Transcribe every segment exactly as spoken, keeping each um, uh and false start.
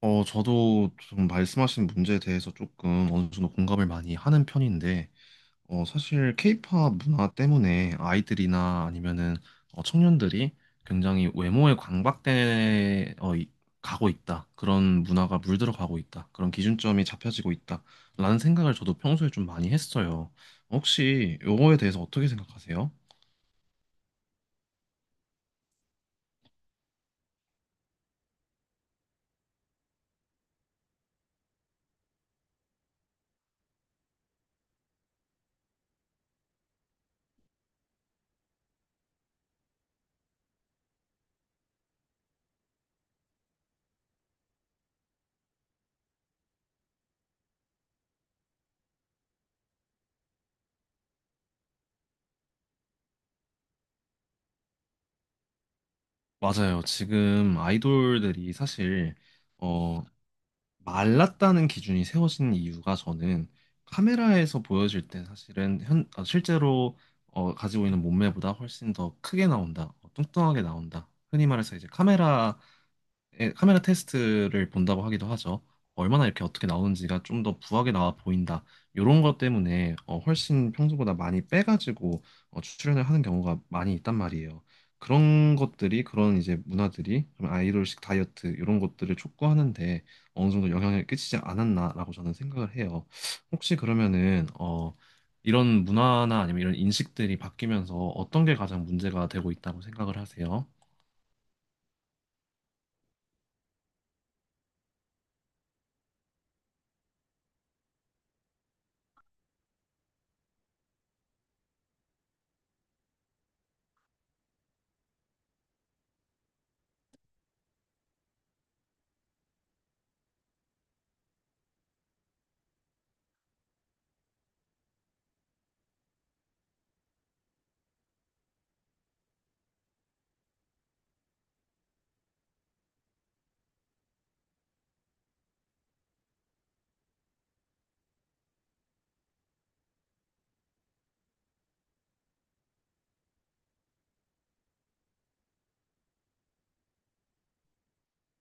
어, 저도 좀 말씀하신 문제에 대해서 조금 어느 정도 공감을 많이 하는 편인데, 어, 사실 케이팝 문화 때문에 아이들이나 아니면은 어, 청년들이 굉장히 외모에 광박돼 어, 이- 가고 있다. 그런 문화가 물들어 가고 있다. 그런 기준점이 잡혀지고 있다. 라는 생각을 저도 평소에 좀 많이 했어요. 혹시 요거에 대해서 어떻게 생각하세요? 맞아요. 지금 아이돌들이 사실 말랐다는 기준이 세워진 이유가 저는 카메라에서 보여질 때 사실은 현, 어, 실제로 어, 가지고 있는 몸매보다 훨씬 더 크게 나온다, 어, 뚱뚱하게 나온다. 흔히 말해서 이제 카메라 예, 카메라 테스트를 본다고 하기도 하죠. 얼마나 이렇게 어떻게 나오는지가 좀 더 부하게 나와 보인다. 이런 것 때문에 어, 훨씬 평소보다 많이 빼가지고 어, 출연을 하는 경우가 많이 있단 말이에요. 그런 것들이 그런 이제 문화들이 좀 아이돌식 다이어트 이런 것들을 촉구하는데 어느 정도 영향을 끼치지 않았나라고 저는 생각을 해요. 혹시 그러면은 어, 이런 문화나 아니면 이런 인식들이 바뀌면서 어떤 게 가장 문제가 되고 있다고 생각을 하세요?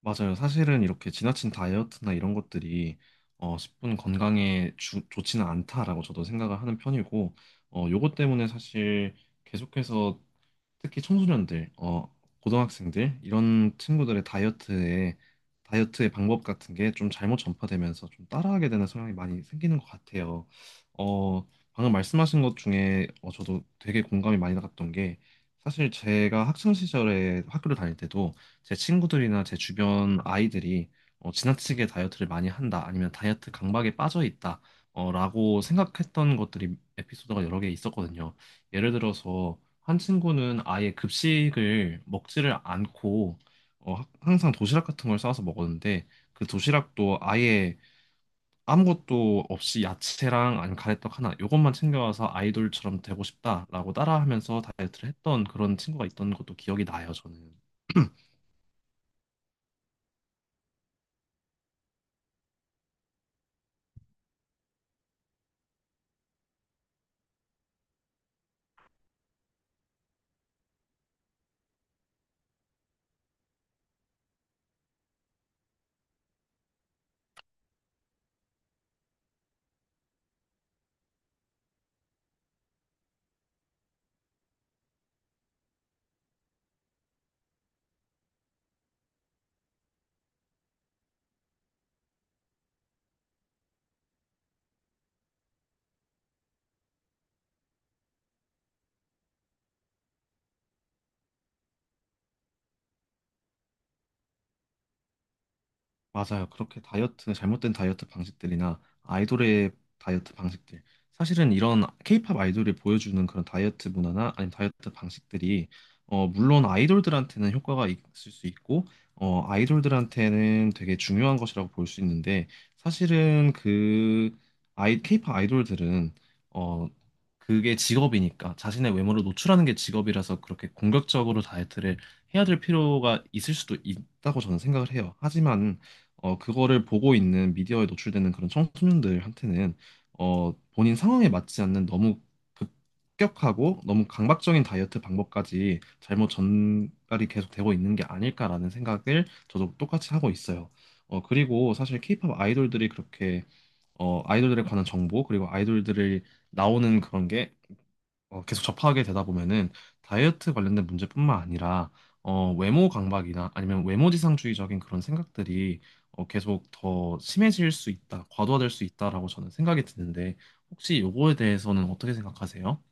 맞아요. 사실은 이렇게 지나친 다이어트나 이런 것들이 어, 십분 건강에 주- 좋지는 않다라고 저도 생각을 하는 편이고, 어, 요것 때문에 사실 계속해서 특히 청소년들, 어, 고등학생들 이런 친구들의 다이어트에 다이어트의 방법 같은 게 좀 잘못 전파되면서 좀 따라하게 되는 성향이 많이 생기는 것 같아요. 어, 방금 말씀하신 것 중에 어, 저도 되게 공감이 많이 나갔던 게 사실 제가 학창 시절에 학교를 다닐 때도 제 친구들이나 제 주변 아이들이 어, 지나치게 다이어트를 많이 한다 아니면 다이어트 강박에 빠져 있다 어, 라고 생각했던 것들이 에피소드가 여러 개 있었거든요. 예를 들어서 한 친구는 아예 급식을 먹지를 않고 어, 하- 항상 도시락 같은 걸 싸서 먹었는데 그 도시락도 아예 아무것도 없이 야채랑 아니면 가래떡 하나 요것만 챙겨와서 아이돌처럼 되고 싶다라고 따라하면서 다이어트를 했던 그런 친구가 있던 것도 기억이 나요, 저는. 맞아요. 그렇게 다이어트, 잘못된 다이어트 방식들이나 아이돌의 다이어트 방식들. 사실은 이런 케이팝 아이돌이 보여주는 그런 다이어트 문화나 아니면 다이어트 방식들이, 어, 물론 아이돌들한테는 효과가 있을 수 있고, 어, 아이돌들한테는 되게 중요한 것이라고 볼 수 있는데, 사실은 그 아이, 케이팝 아이돌들은, 어, 그게 직업이니까, 자신의 외모를 노출하는 게 직업이라서 그렇게 공격적으로 다이어트를 해야 될 필요가 있을 수도 있다고 저는 생각을 해요. 하지만, 어, 그거를 보고 있는 미디어에 노출되는 그런 청소년들한테는 어, 본인 상황에 맞지 않는 너무 급격하고 너무 강박적인 다이어트 방법까지 잘못 전달이 계속 되고 있는 게 아닐까라는 생각을 저도 똑같이 하고 있어요. 어, 그리고 사실 케이팝 아이돌들이 그렇게 어, 아이돌들에 관한 정보 그리고 아이돌들을 나오는 그런 게 어, 계속 접하게 되다 보면은 다이어트 관련된 문제뿐만 아니라 어, 외모 강박이나 아니면 외모지상주의적인 그런 생각들이 어, 계속 더 심해질 수 있다, 과도화될 수 있다라고 저는 생각이 드는데 혹시 요거에 대해서는 어떻게 생각하세요?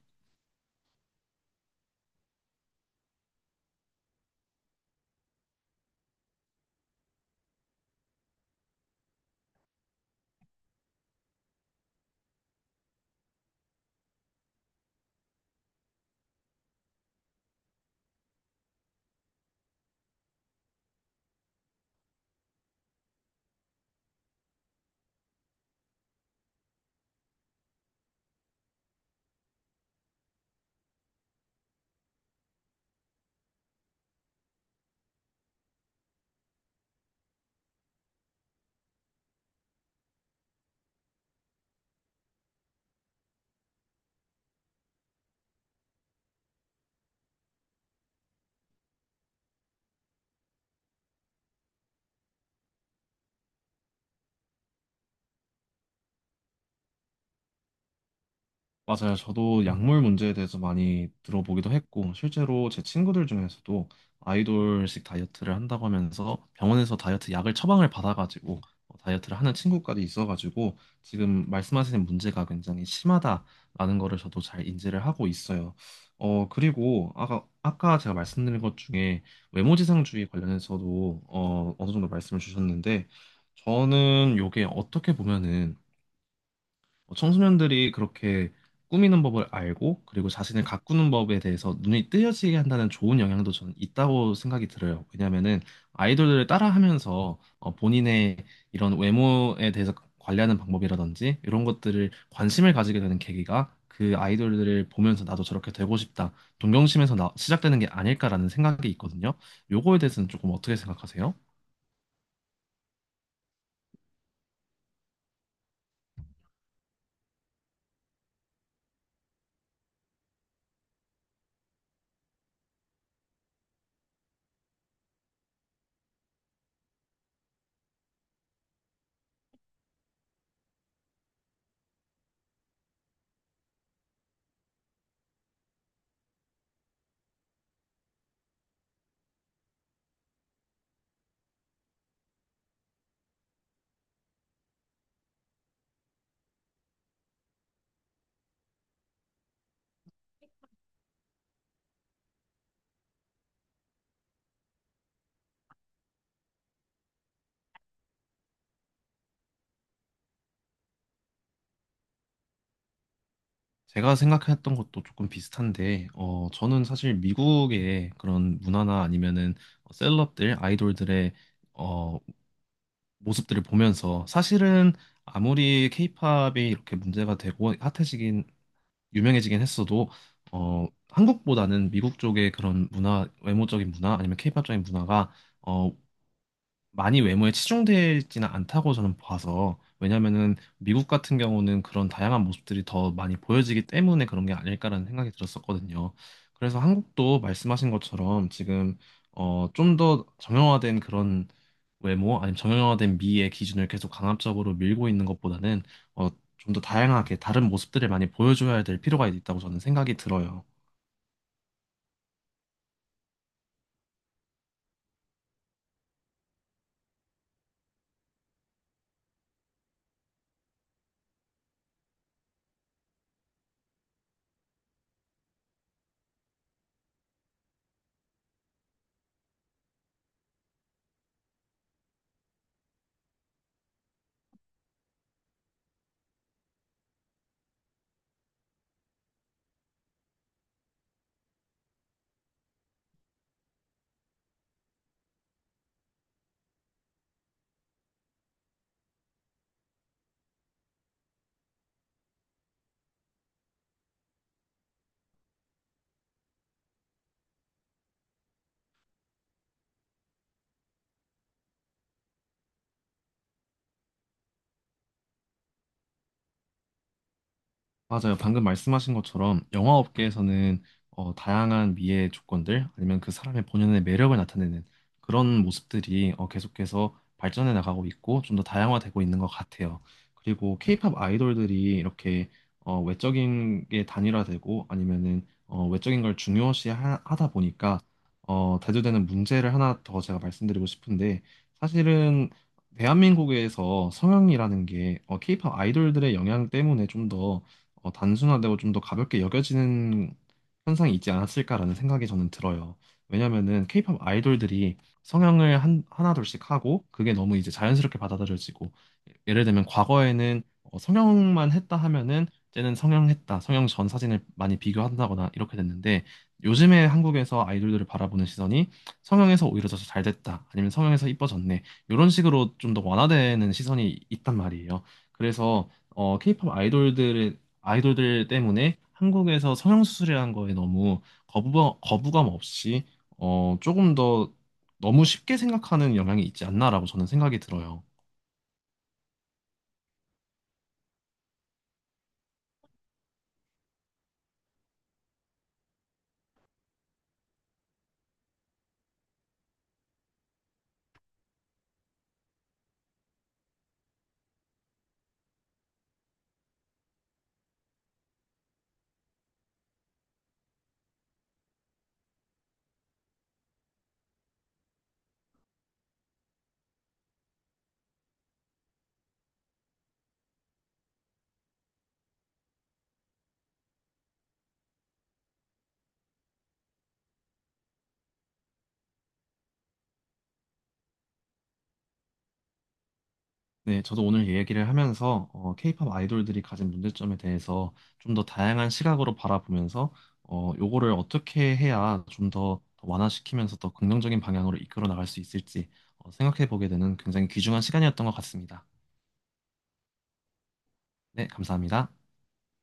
맞아요. 저도 약물 문제에 대해서 많이 들어보기도 했고, 실제로 제 친구들 중에서도 아이돌식 다이어트를 한다고 하면서 병원에서 다이어트 약을 처방을 받아가지고 어, 다이어트를 하는 친구까지 있어가지고 지금 말씀하시는 문제가 굉장히 심하다라는 거를 저도 잘 인지를 하고 있어요. 어, 그리고 아까, 아까 제가 말씀드린 것 중에 외모지상주의 관련해서도 어, 어느 정도 말씀을 주셨는데, 저는 요게 어떻게 보면은 뭐 청소년들이 그렇게 꾸미는 법을 알고 그리고 자신을 가꾸는 법에 대해서 눈이 뜨여지게 한다는 좋은 영향도 저는 있다고 생각이 들어요. 왜냐하면은 아이돌들을 따라하면서 어, 본인의 이런 외모에 대해서 관리하는 방법이라든지 이런 것들을 관심을 가지게 되는 계기가 그 아이돌들을 보면서 나도 저렇게 되고 싶다, 동경심에서 나- 시작되는 게 아닐까라는 생각이 있거든요. 요거에 대해서는 조금 어떻게 생각하세요? 제가 생각했던 것도 조금 비슷한데, 어, 저는 사실 미국의 그런 문화나 아니면은 어, 셀럽들, 아이돌들의 어, 모습들을 보면서 사실은 아무리 케이팝이 이렇게 문제가 되고 핫해지긴, 유명해지긴 했어도, 어, 한국보다는 미국 쪽의 그런 문화, 외모적인 문화 아니면 케이팝적인 문화가 어, 많이 외모에 치중되지는 않다고 저는 봐서 왜냐면은 미국 같은 경우는 그런 다양한 모습들이 더 많이 보여지기 때문에 그런 게 아닐까라는 생각이 들었었거든요. 그래서 한국도 말씀하신 것처럼 지금 어, 좀 더 정형화된 그런 외모 아니면 정형화된 미의 기준을 계속 강압적으로 밀고 있는 것보다는 어, 좀 더 다양하게 다른 모습들을 많이 보여줘야 될 필요가 있다고 저는 생각이 들어요. 맞아요. 방금 말씀하신 것처럼 영화업계에서는 어, 다양한 미의 조건들 아니면 그 사람의 본연의 매력을 나타내는 그런 모습들이 어, 계속해서 발전해 나가고 있고 좀 더 다양화되고 있는 것 같아요. 그리고 케이팝 아이돌들이 이렇게 어, 외적인 게 단일화되고 아니면은 어, 외적인 걸 중요시하다 보니까 어, 대두되는 문제를 하나 더 제가 말씀드리고 싶은데 사실은 대한민국에서 성형이라는 게 어, 케이팝 아이돌들의 영향 때문에 좀더 어, 단순화되고 좀 더 가볍게 여겨지는 현상이 있지 않았을까라는 생각이 저는 들어요. 왜냐면은 케이팝 아이돌들이 성향을 한, 하나둘씩 하고 그게 너무 이제 자연스럽게 받아들여지고 예를 들면 과거에는 어, 성형만 했다 하면은 쟤는 성형했다, 성형 전 사진을 많이 비교한다거나 이렇게 됐는데 요즘에 한국에서 아이돌들을 바라보는 시선이 성형에서 오히려 더 잘 됐다, 아니면 성형에서 이뻐졌네 이런 식으로 좀 더 완화되는 시선이 있단 말이에요. 그래서 어, 케이팝 아이돌들의 아이돌들 때문에 한국에서 성형수술이라는 거에 너무 거부, 거부감 없이 어, 조금 더 너무 쉽게 생각하는 영향이 있지 않나라고 저는 생각이 들어요. 네, 저도 오늘 얘기를 하면서 어, 케이팝 아이돌들이 가진 문제점에 대해서 좀 더 다양한 시각으로 바라보면서 어, 요거를 어떻게 해야 좀 더 완화시키면서 더 긍정적인 방향으로 이끌어 나갈 수 있을지 어, 생각해 보게 되는 굉장히 귀중한 시간이었던 것 같습니다. 네, 감사합니다.